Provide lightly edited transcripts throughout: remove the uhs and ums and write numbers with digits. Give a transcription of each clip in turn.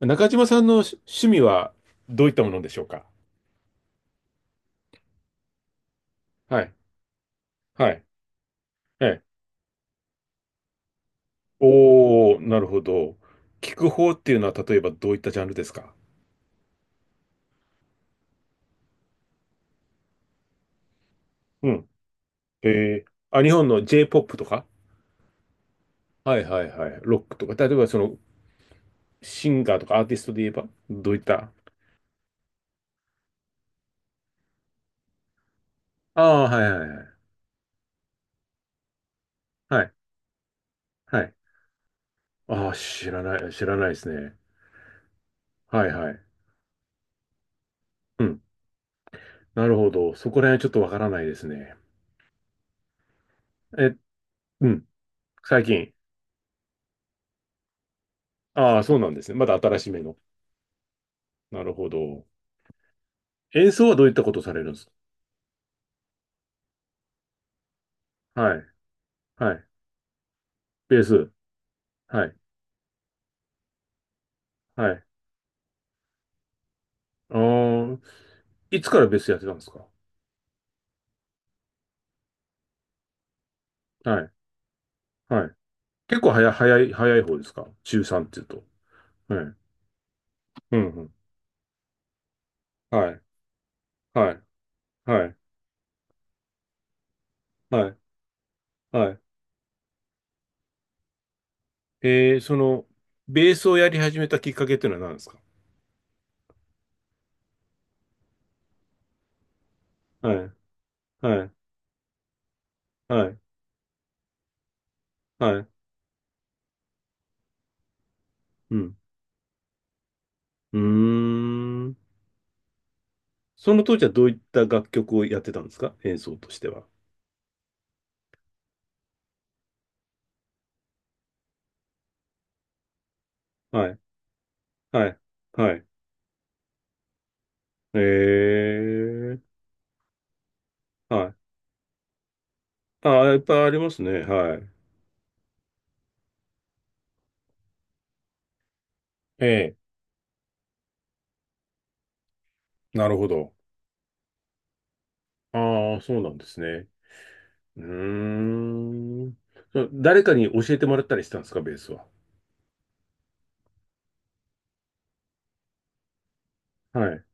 中島さんの趣味はどういったものでしょうか？はい。はい。ええ。おー、なるほど。聞く方っていうのは例えばどういったジャンルですか？うん。えあ、日本の J-POP とか。はいはいはい。ロックとか。例えばそのシンガーとかアーティストで言えばどういった。ああ、はいはいはい。はい。はい。ああ、知らない、知らないですね。はいはい。うん。なるほど。そこら辺はちょっとわからないですね。え、うん。最近。ああ、そうなんですね。まだ新しめの。なるほど。演奏はどういったことされるんですか？はい、はい、ベース、はい、はい。あー、いつからベースやってたんですか？はい、はい。結構早い方ですか、中3っていうと？はい、うん、うん。はい、はい、はい、はい、はい。その、ベースをやり始めたきっかけっていうのは何ですか？はい、はい、はい、はい、うん。うーん。その当時はどういった楽曲をやってたんですか、演奏としては？はい、はい、はい。えー、はい。ああ、いっぱいありますね。はい。ええ、なるほど。ああ、そうなんですね。うーん。誰かに教えてもらったりしたんですか、ベースは？はい。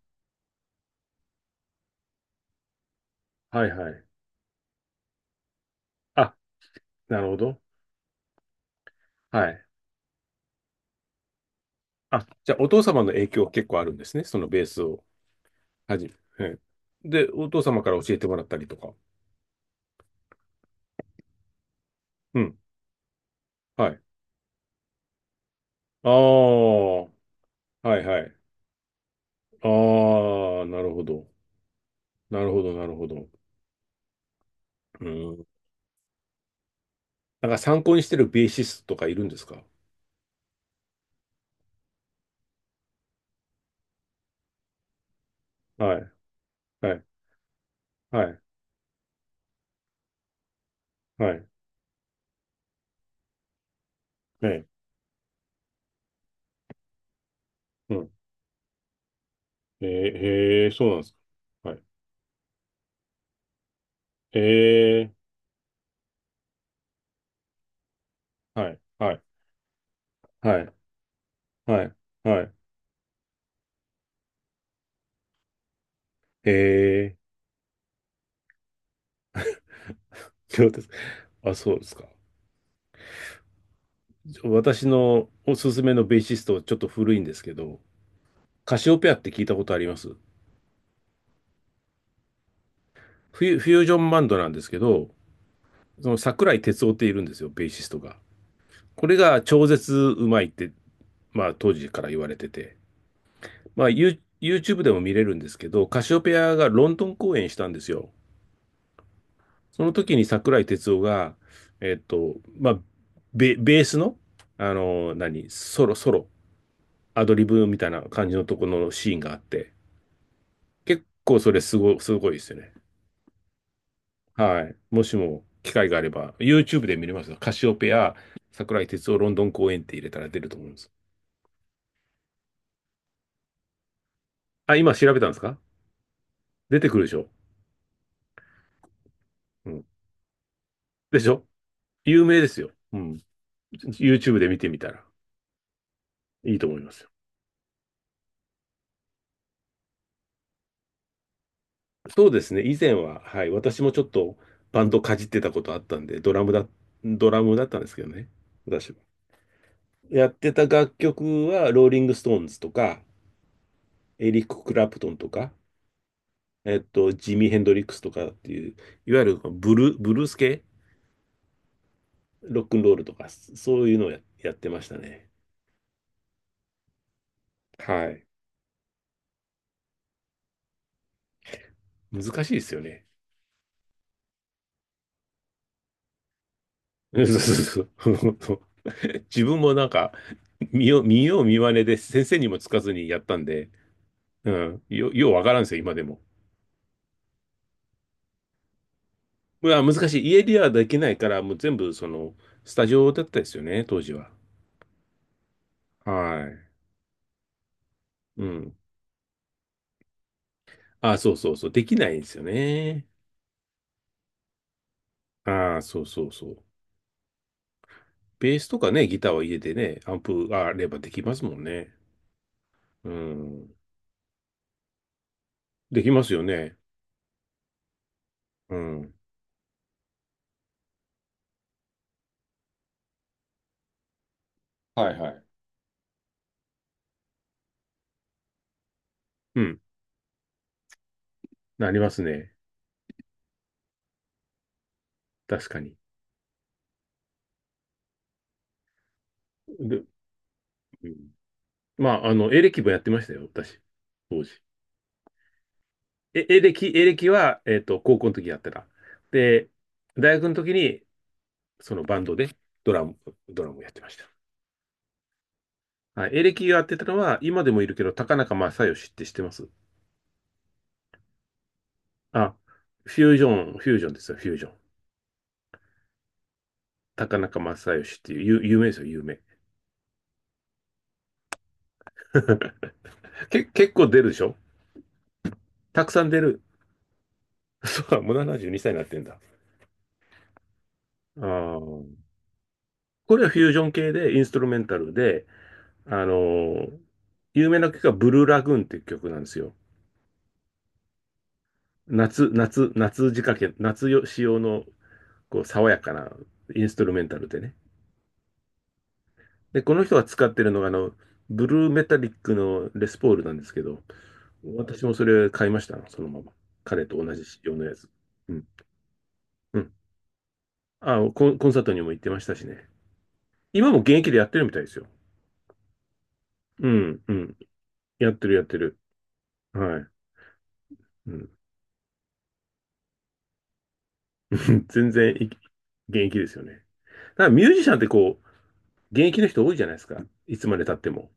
はいはい。あ、なるほど。はい。あ、じゃあ、お父様の影響結構あるんですね。そのベースをはじめ。はい。で、お父様から教えてもらったりとか。うん。はい。ああ、はいはい。ああ、なるほど。なるほど、なるほど。うん。なんか参考にしてるベーシストとかいるんですか？はい。はい。はい。はい。ええ。うん。ええ、へえ、そうなんですか。はい。ええ、はい。はい。はい。はい。はい。ええ、そうです。あ、そうですか。じゃあ私のおすすめのベーシスト、ちょっと古いんですけど、カシオペアって聞いたことあります？フュージョンバンドなんですけど、その桜井哲夫っているんですよ、ベーシストが。これが超絶うまいって、まあ当時から言われてて、まあ、YouTube でも見れるんですけど、カシオペアがロンドン公演したんですよ。その時に桜井哲夫が、まあ、ベースの、ソロ、アドリブみたいな感じのところのシーンがあって、結構それすごいですよね。はい。もしも機会があれば、YouTube で見れますよ。カシオペア、桜井哲夫ロンドン公演って入れたら出ると思うんです。あ、今調べたんですか？出てくるでしょ？うん。でしょ？有名ですよ。うん。YouTube で見てみたらいいと思いますよ。そうですね。以前は、はい。私もちょっとバンドかじってたことあったんで、ドラムだったんですけどね。私は。やってた楽曲は、ローリング・ストーンズとか、エリック・クラプトンとか、ジミー・ヘンドリックスとかっていう、いわゆるブルース系、ロックンロールとか、そういうのをやってましたね。はい。難しいですよね。そうそうそう。自分もなんか、見よう見まねで先生にもつかずにやったんで、うん、ようわからんですよ、今でも。まあ、難しい。家ではできないから、もう全部、その、スタジオだったですよね、当時は。はい。うん。あ、そうそうそう。できないんですよね。ああそうそうそう。ベースとかね、ギターは家でね、アンプがあればできますもんね。うん。できますよね。うん。はいはい。うん。なりますね。確かに。で、うん、まあ、エレキもやってましたよ、私。当時。エレキは、高校の時やってた。で、大学の時にそのバンドでドラム、ドラムをやってました。はい、エレキがやってたのは、今でもいるけど、高中正義って知ってます？あ、フュージョン、フュージョンですよ、フュージョン。高中正義っていう、有名ですよ、有名。結構出るでしょ？たくさん出る。そうか、もう72歳にさいになってんだ。あー、これはフュージョン系で、インストルメンタルで、あのー有名な曲がブルーラグーンっていう曲なんですよ。夏仕掛け、夏よ仕様のこう爽やかなインストルメンタルでね。で、この人が使ってるのが、ブルーメタリックのレスポールなんですけど、私もそれ買いました、そのまま。彼と同じ仕様のやつ。うん。うん。あ、コンサートにも行ってましたしね。今も現役でやってるみたいですよ。うん、うん。やってる、やってる。はい。うん、全然現役ですよね。だからミュージシャンってこう、現役の人多いじゃないですか。いつまで経っても。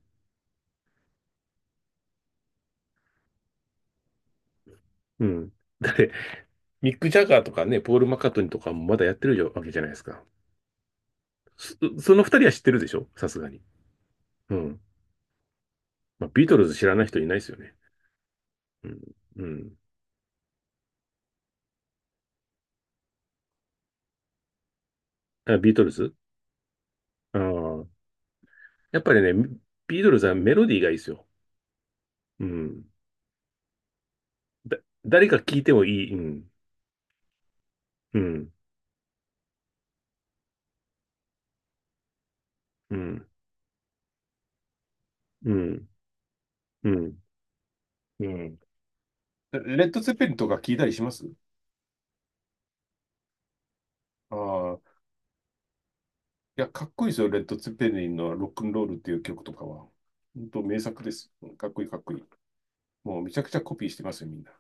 うん。だって、ミック・ジャガーとかね、ポール・マッカートニーとかもまだやってるわけじゃないですか。その二人は知ってるでしょ？さすがに。うん。まあ、ビートルズ知らない人いないですよね。うん。うん。あ、ビートルズ。ああー。やっぱりね、ビートルズはメロディーがいいですよ。うん。だ、誰か聴いてもいい。うん。うん。うん。うん。うん。うん。レッド・ツェッペリンとか聞いたりします？ああ。いや、かっこいいですよ。レッド・ツェッペリンのロックンロールっていう曲とかは。本当名作です。かっこいいかっこいい。もうめちゃくちゃコピーしてますよ、みんな。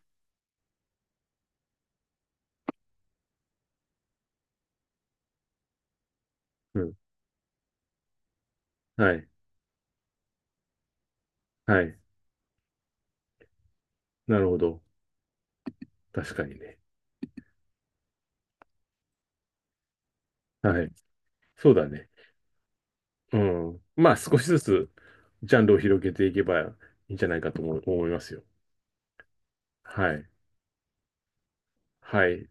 うん。はい。はい。なるほど。確かにね。はい。そうだね。うん。まあ、少しずつジャンルを広げていけばいいんじゃないかと思いますよ。はい。はい。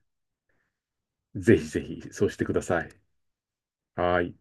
ぜひぜひ、そうしてください。はい。